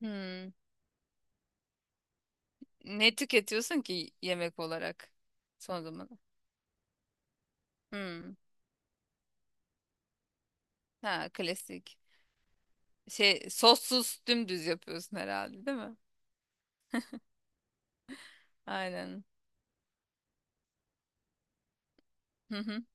Hmm. Ne tüketiyorsun ki yemek olarak son zaman? Hmm. Ha, klasik. Şey sossuz dümdüz yapıyorsun herhalde değil mi? Aynen.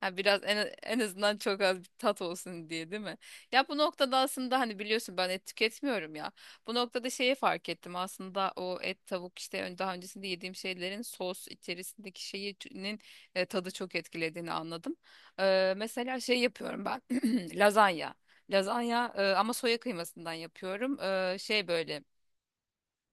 Ha, biraz en azından çok az bir tat olsun diye değil mi? Ya, bu noktada aslında hani biliyorsun ben et tüketmiyorum ya. Bu noktada şeyi fark ettim aslında o et tavuk işte daha öncesinde yediğim şeylerin sos içerisindeki şeyinin tadı çok etkilediğini anladım. Mesela şey yapıyorum ben lazanya. Lazanya ama soya kıymasından yapıyorum. Şey böyle.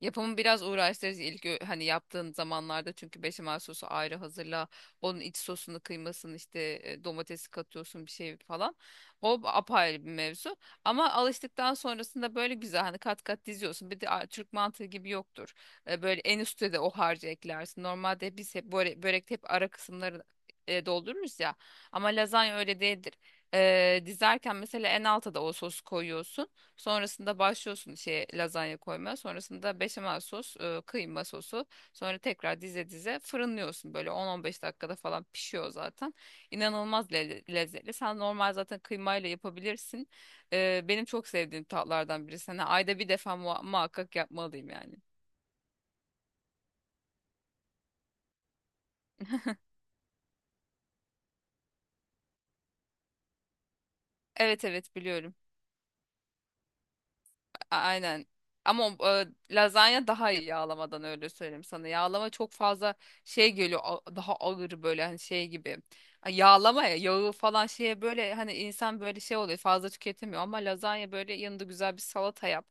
Yapımı biraz uğraştırıcı ilk hani yaptığın zamanlarda, çünkü beşamel sosu ayrı hazırla. Onun iç sosunu, kıymasını, işte domatesi katıyorsun bir şey falan. O apayrı bir mevzu. Ama alıştıktan sonrasında böyle güzel hani kat kat diziyorsun. Bir de Türk mantığı gibi yoktur. Böyle en üstte de o harcı eklersin. Normalde biz hep böyle börekte hep ara kısımları doldururuz ya. Ama lazanya öyle değildir. Dizerken mesela en alta da o sosu koyuyorsun. Sonrasında başlıyorsun şey lazanya koymaya. Sonrasında beşamel sos, kıyma sosu. Sonra tekrar dize dize fırınlıyorsun. Böyle 10-15 dakikada falan pişiyor zaten. İnanılmaz lezzetli. Sen normal zaten kıymayla yapabilirsin. Benim çok sevdiğim tatlardan birisi. Hani ayda bir defa muhakkak yapmalıyım yani. Evet, evet, biliyorum. Aynen. Ama o, lazanya daha iyi yağlamadan, öyle söyleyeyim sana. Yağlama çok fazla şey geliyor, daha ağır böyle, hani şey gibi. Yağlama ya, yağı falan şeye böyle, hani insan böyle şey oluyor, fazla tüketemiyor, ama lazanya böyle yanında güzel bir salata yap.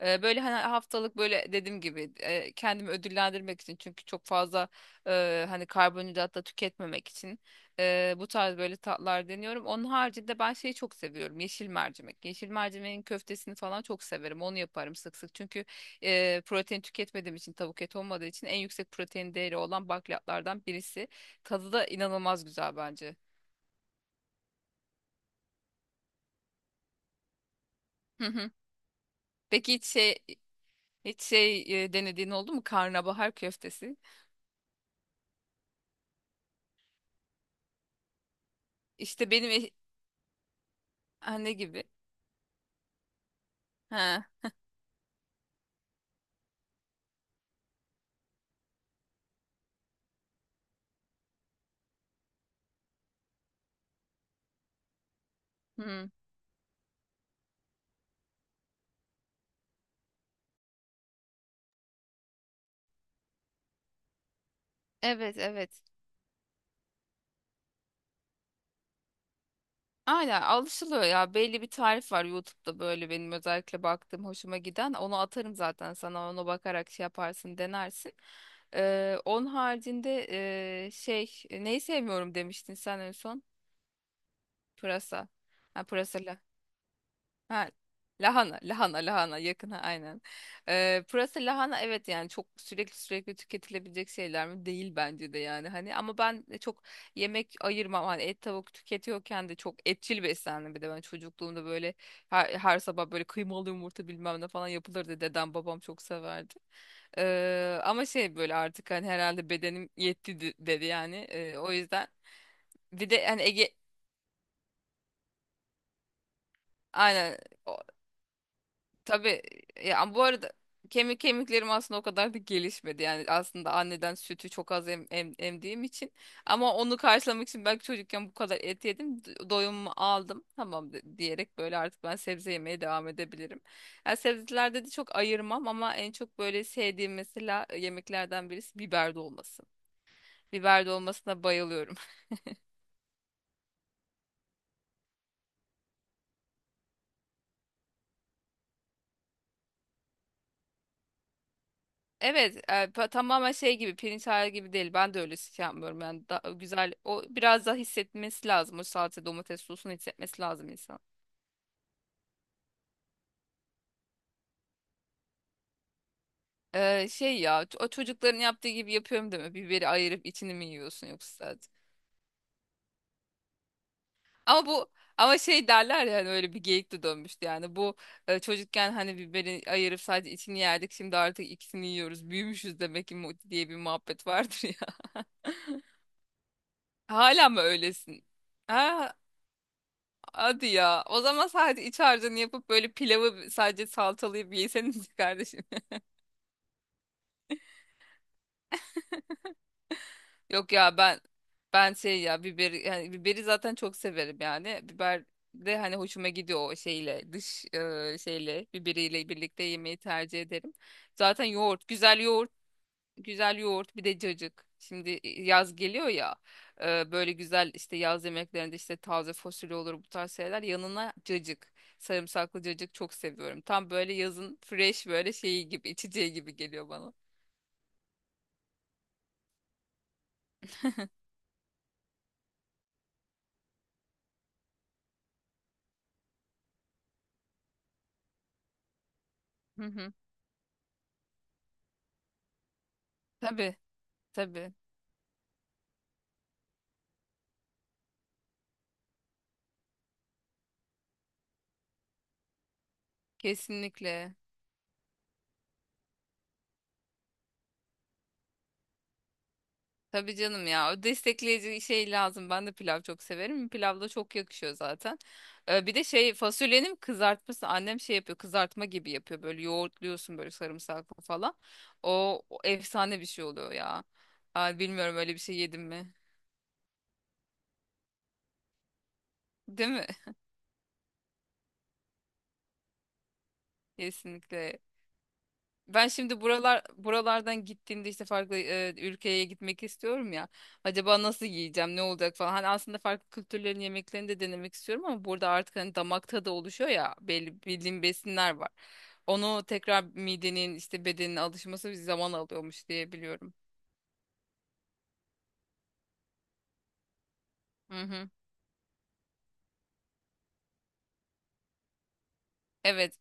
Böyle hani haftalık, böyle dediğim gibi kendimi ödüllendirmek için, çünkü çok fazla hani karbonhidrat da tüketmemek için. Bu tarz böyle tatlar deniyorum. Onun haricinde ben şeyi çok seviyorum. Yeşil mercimek. Yeşil mercimeğin köftesini falan çok severim. Onu yaparım sık sık. Çünkü protein tüketmediğim için, tavuk eti olmadığı için, en yüksek protein değeri olan bakliyatlardan birisi. Tadı da inanılmaz güzel bence. Hı hı. Peki, hiç şey, denediğin oldu mu? Karnabahar köftesi. İşte benim ha, ne gibi? Ha. Hı. Evet, evet. Aynen, alışılıyor ya. Belli bir tarif var YouTube'da, böyle benim özellikle baktığım, hoşuma giden. Onu atarım zaten sana, ona bakarak şey yaparsın, denersin. Onun haricinde şey, neyi sevmiyorum demiştin sen en son? Pırasa. Ha, pırasalı. Ha, lahana, lahana, lahana yakın, aynen. Pırasa lahana, evet, yani çok sürekli sürekli tüketilebilecek şeyler mi? Değil, bence de. Yani hani, ama ben de çok yemek ayırmam hani, et tavuk tüketiyorken de çok etçil beslendim. Bir de ben çocukluğumda böyle her sabah böyle kıymalı yumurta bilmem ne falan yapılırdı, dedem babam çok severdi. Ama şey, böyle artık hani herhalde bedenim yetti dedi yani. O yüzden bir de hani Ege, aynen. Tabii. Ya bu arada, kemiklerim aslında o kadar da gelişmedi. Yani aslında anneden sütü çok az emdiğim için, ama onu karşılamak için belki çocukken bu kadar et yedim. Doyumumu aldım. Tamam diyerek böyle artık ben sebze yemeye devam edebilirim. Yani sebzelerde de çok ayırmam, ama en çok böyle sevdiğim mesela yemeklerden birisi biber dolması. Biber dolmasına bayılıyorum. Evet, tamamen şey gibi, pirinç hali gibi değil. Ben de öyle şey yapmıyorum yani da, güzel. O biraz daha hissetmesi lazım. O salça, domates sosunu hissetmesi lazım insan. Şey ya, o çocukların yaptığı gibi yapıyorum deme. Biberi ayırıp içini mi yiyorsun yoksa sadece? Ama bu, şey derler ya hani, öyle bir geyik de dönmüştü yani. Bu çocukken hani biberi ayırıp sadece içini yerdik. Şimdi artık ikisini yiyoruz. Büyümüşüz demek ki diye bir muhabbet vardır ya. Hala mı öylesin? Ha, hadi ya. O zaman sadece iç harcını yapıp, böyle pilavı sadece salatalayıp yeseniz kardeşim. Yok ya, ben şey ya, biberi, yani biberi zaten çok severim yani. Biber de hani hoşuma gidiyor o şeyle, dış şeyle, biberiyle birlikte yemeyi tercih ederim. Zaten yoğurt güzel, yoğurt güzel yoğurt, bir de cacık. Şimdi yaz geliyor ya, böyle güzel işte yaz yemeklerinde, işte taze fasulye olur, bu tarz şeyler, yanına cacık. Sarımsaklı cacık çok seviyorum. Tam böyle yazın fresh böyle şeyi gibi, içeceği gibi geliyor bana. Hı hı. Tabii, tabii, kesinlikle. Tabii canım ya. O destekleyici şey lazım. Ben de pilav çok severim. Pilav da çok yakışıyor zaten. Bir de şey, fasulyenin kızartması. Annem şey yapıyor, kızartma gibi yapıyor. Böyle yoğurtluyorsun, böyle sarımsaklı falan. O efsane bir şey oluyor ya. Ay, bilmiyorum, öyle bir şey yedim mi? Değil mi? Kesinlikle. Ben şimdi buralardan gittiğimde, işte farklı ülkeye gitmek istiyorum ya. Acaba nasıl yiyeceğim, ne olacak falan. Hani aslında farklı kültürlerin yemeklerini de denemek istiyorum, ama burada artık hani damak tadı oluşuyor ya, belli bildiğim besinler var. Onu tekrar midenin, işte bedenin alışması bir zaman alıyormuş diye biliyorum. Hı hı. Evet.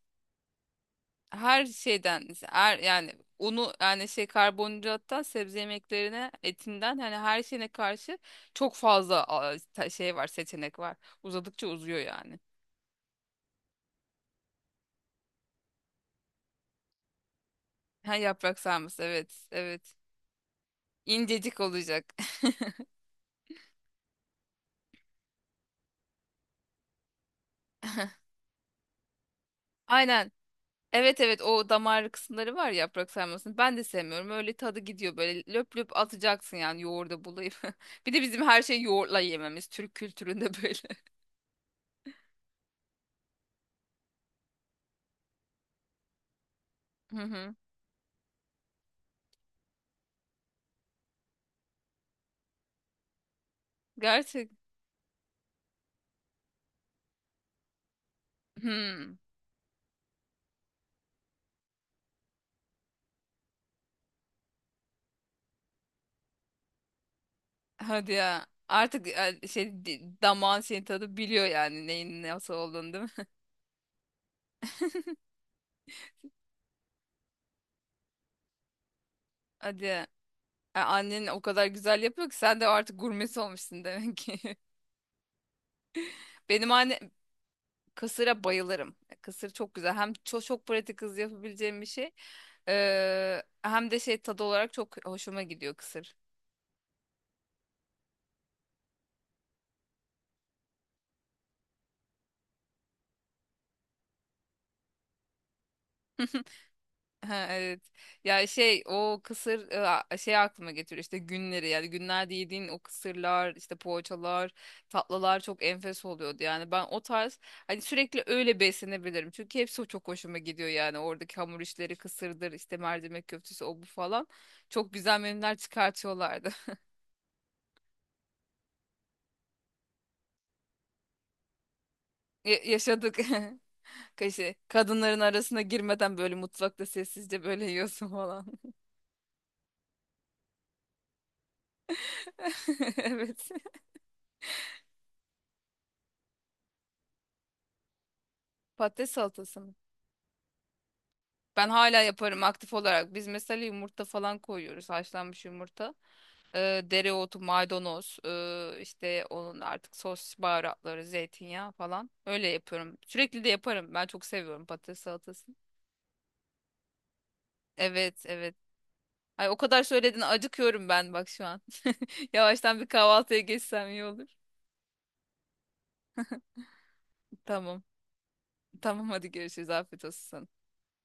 Her şeyden işte, her, yani unu, yani şey karbonhidrattan sebze yemeklerine, etinden, hani her şeyine karşı çok fazla şey var, seçenek var. Uzadıkça uzuyor yani. Ha, yaprak sarması, evet, evet. İncecik olacak. Aynen. Evet, evet, o damar kısımları var ya yaprak sarmasının. Ben de sevmiyorum. Öyle tadı gidiyor, böyle löp löp atacaksın yani, yoğurda bulayım. Bir de bizim her şeyi yoğurtla yememiz, Türk kültüründe böyle. Hı hı. Gerçek. Hmm. Hadi ya. Artık şey, damağın seni, tadı biliyor yani, neyin nasıl olduğunu, değil mi? Hadi ya. Annen o kadar güzel yapıyor ki sen de artık gurmesi olmuşsun demek ki. Benim anne, kısıra bayılırım. Kısır çok güzel. Hem çok çok pratik, hızlı yapabileceğim bir şey. Hem de şey, tadı olarak çok hoşuma gidiyor kısır. Ha, evet. Ya, şey o kısır şey aklıma getiriyor işte günleri, yani günlerde yediğin o kısırlar, işte poğaçalar, tatlılar çok enfes oluyordu yani. Ben o tarz, hani sürekli öyle beslenebilirim çünkü hepsi çok hoşuma gidiyor yani. Oradaki hamur işleri, kısırdır, işte mercimek köftesi, o bu falan, çok güzel menüler çıkartıyorlardı. Yaşadık. Kaşı, kadınların arasına girmeden böyle mutfakta sessizce böyle yiyorsun falan. Evet. Patates salatası mı? Ben hala yaparım aktif olarak. Biz mesela yumurta falan koyuyoruz. Haşlanmış yumurta. Dereotu, maydanoz, işte onun artık sos baharatları, zeytinyağı falan. Öyle yapıyorum. Sürekli de yaparım. Ben çok seviyorum patates salatasını. Evet, evet. Ay, o kadar söyledin acıkıyorum ben bak şu an. Yavaştan bir kahvaltıya geçsem iyi olur. Tamam. Tamam, hadi görüşürüz. Afiyet olsun sana.